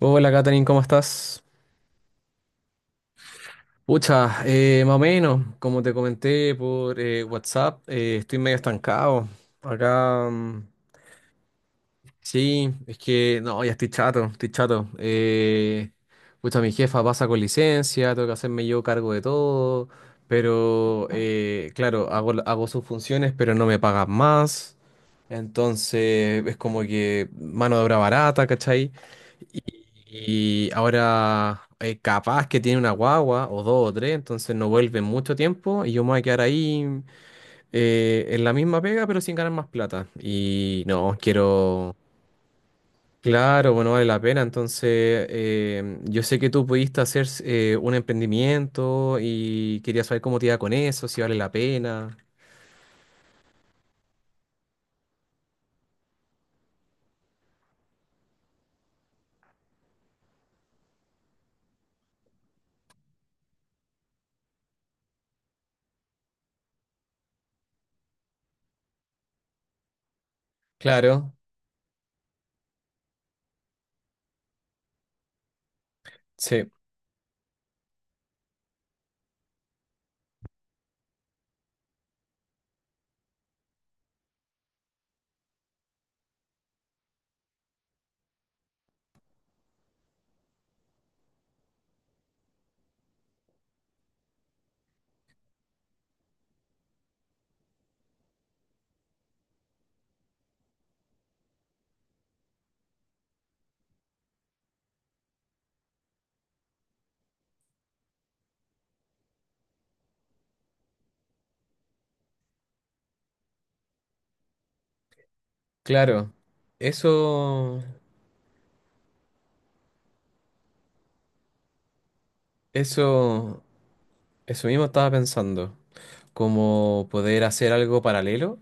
Hola Katherine, ¿cómo estás? Pucha, más o menos, como te comenté por WhatsApp, estoy medio estancado. Acá, sí, es que no, ya estoy chato, estoy chato. Pucha, mi jefa pasa con licencia, tengo que hacerme yo cargo de todo, pero claro, hago sus funciones, pero no me pagan más. Entonces, es como que mano de obra barata, ¿cachai? Y ahora, capaz que tiene una guagua, o dos o tres, entonces no vuelve en mucho tiempo y yo me voy a quedar ahí en la misma pega, pero sin ganar más plata. Y no, quiero. Claro, bueno, vale la pena. Entonces, yo sé que tú pudiste hacer un emprendimiento y quería saber cómo te iba con eso, si vale la pena. Claro, sí, claro. Eso, eso, eso mismo estaba pensando. Como poder hacer algo paralelo,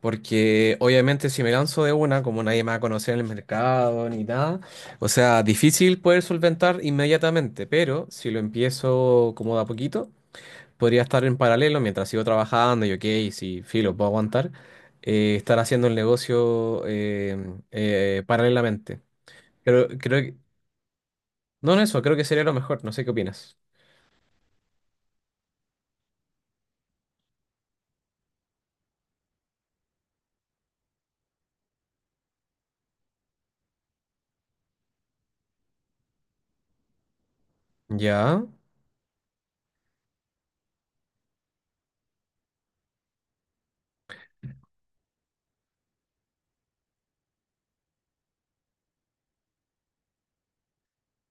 porque obviamente si me lanzo de una, como nadie me va a conocer en el mercado ni nada, o sea, difícil poder solventar inmediatamente, pero si lo empiezo como de a poquito, podría estar en paralelo mientras sigo trabajando y ok, si filo, puedo aguantar, estar haciendo el negocio paralelamente. Pero creo que, no, no eso, creo que sería lo mejor, no sé qué opinas. Ya.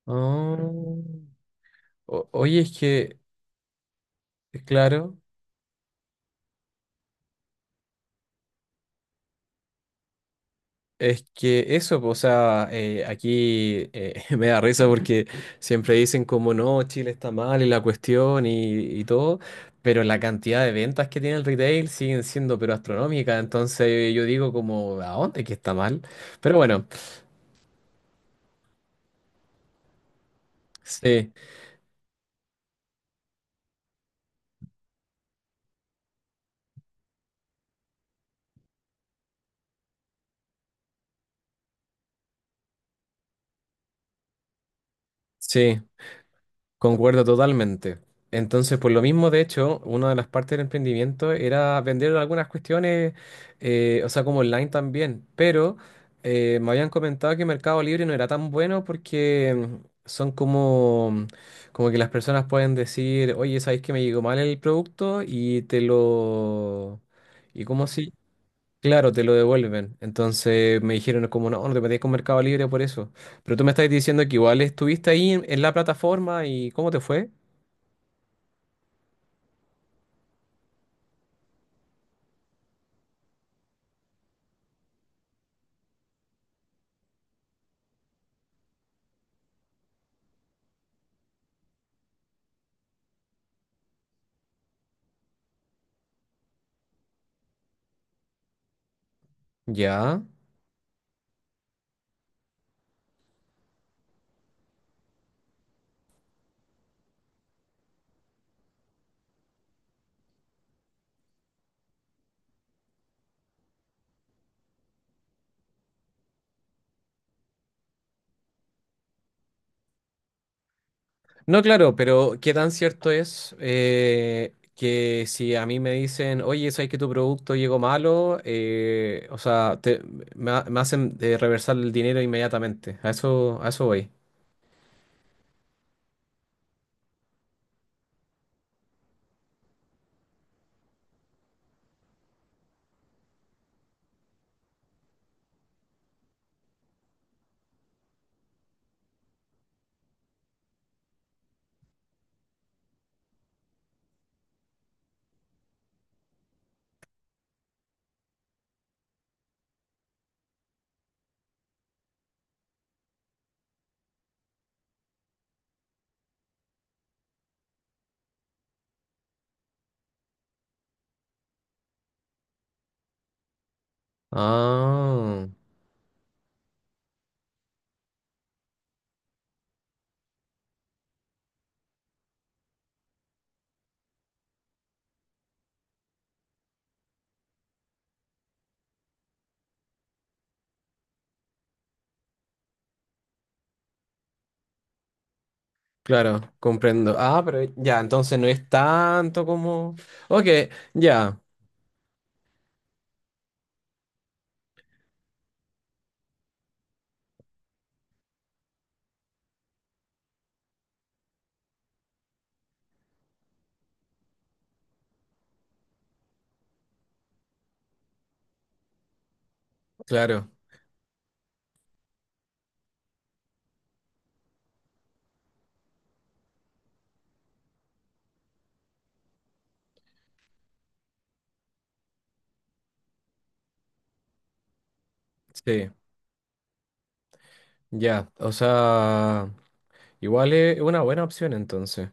Ah. Oye, es que, claro. Es que eso, po, o sea, aquí me da risa porque siempre dicen como no, Chile está mal y la cuestión y todo, pero la cantidad de ventas que tiene el retail siguen siendo pero astronómicas, entonces yo digo como, ¿a dónde que está mal? Pero bueno, sí, sí. Concuerdo totalmente. Entonces, por lo mismo, de hecho, una de las partes del emprendimiento era vender algunas cuestiones, o sea, como online también, pero me habían comentado que Mercado Libre no era tan bueno porque son como, como que las personas pueden decir, oye, ¿sabéis que me llegó mal el producto? Y te lo... ¿Y cómo así? Claro, te lo devuelven. Entonces me dijeron como, no, no te metías con Mercado Libre por eso. Pero tú me estás diciendo que igual estuviste ahí en la plataforma y ¿cómo te fue? Ya. No, claro, pero ¿qué tan cierto es que si a mí me dicen, oye, ¿sabes que tu producto llegó malo? O sea, me, me hacen reversar el dinero inmediatamente. A eso voy. Ah, claro, comprendo. Ah, pero ya, entonces no es tanto como... Ok. Ya, claro, sí, ya. O sea, igual es una buena opción entonces.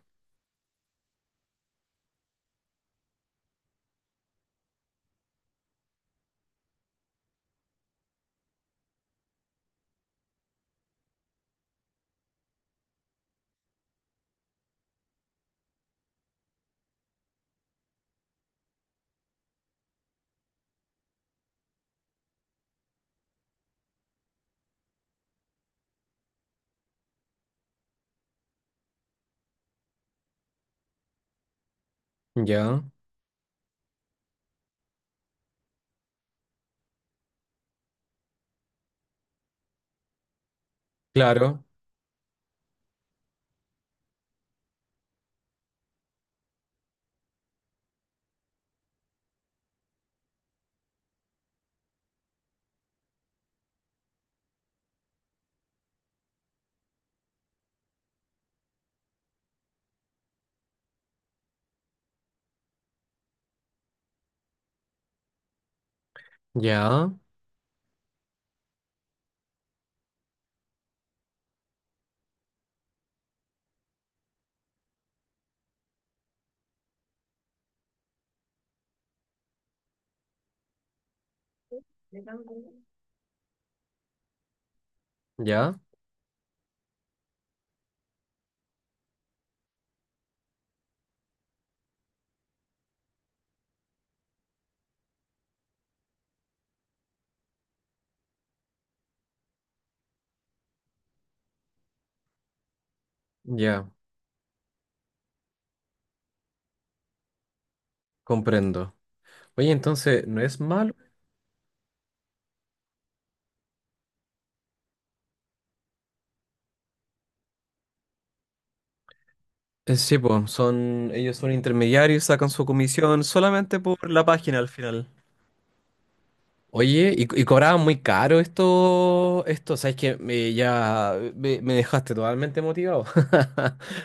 Ya, claro, ya, ya, ya, comprendo. Oye, entonces, ¿no es malo? Sí, pues, son, ellos son intermediarios, sacan su comisión solamente por la página al final. Oye, y cobraban muy caro esto, esto, sabes que me, ya me, me dejaste totalmente motivado.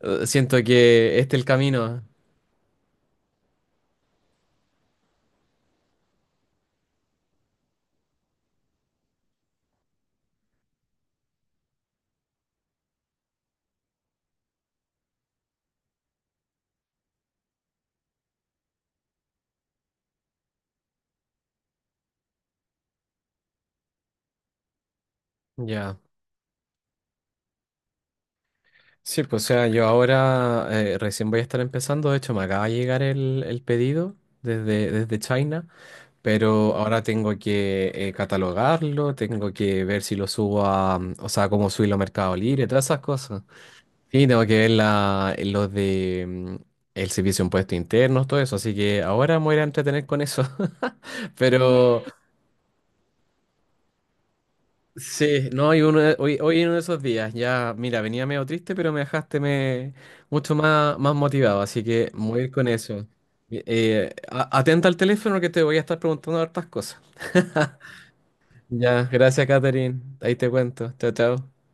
Siento que este es el camino. Ya. Sí, pues o sea, yo ahora recién voy a estar empezando, de hecho me acaba de llegar el pedido desde, desde China, pero ahora tengo que catalogarlo, tengo que ver si lo subo a, o sea, cómo subirlo a Mercado Libre, todas esas cosas. Y tengo que ver la, los de el servicio de impuestos internos, todo eso, así que ahora me voy a ir a entretener con eso. Pero, sí, no, hoy, hoy, hoy en uno de esos días, ya, mira, venía medio triste, pero me dejaste me, mucho más, más motivado, así que voy a ir con eso. Atenta al teléfono que te voy a estar preguntando hartas cosas. Ya, gracias, Catherine. Ahí te cuento. Chao, chao.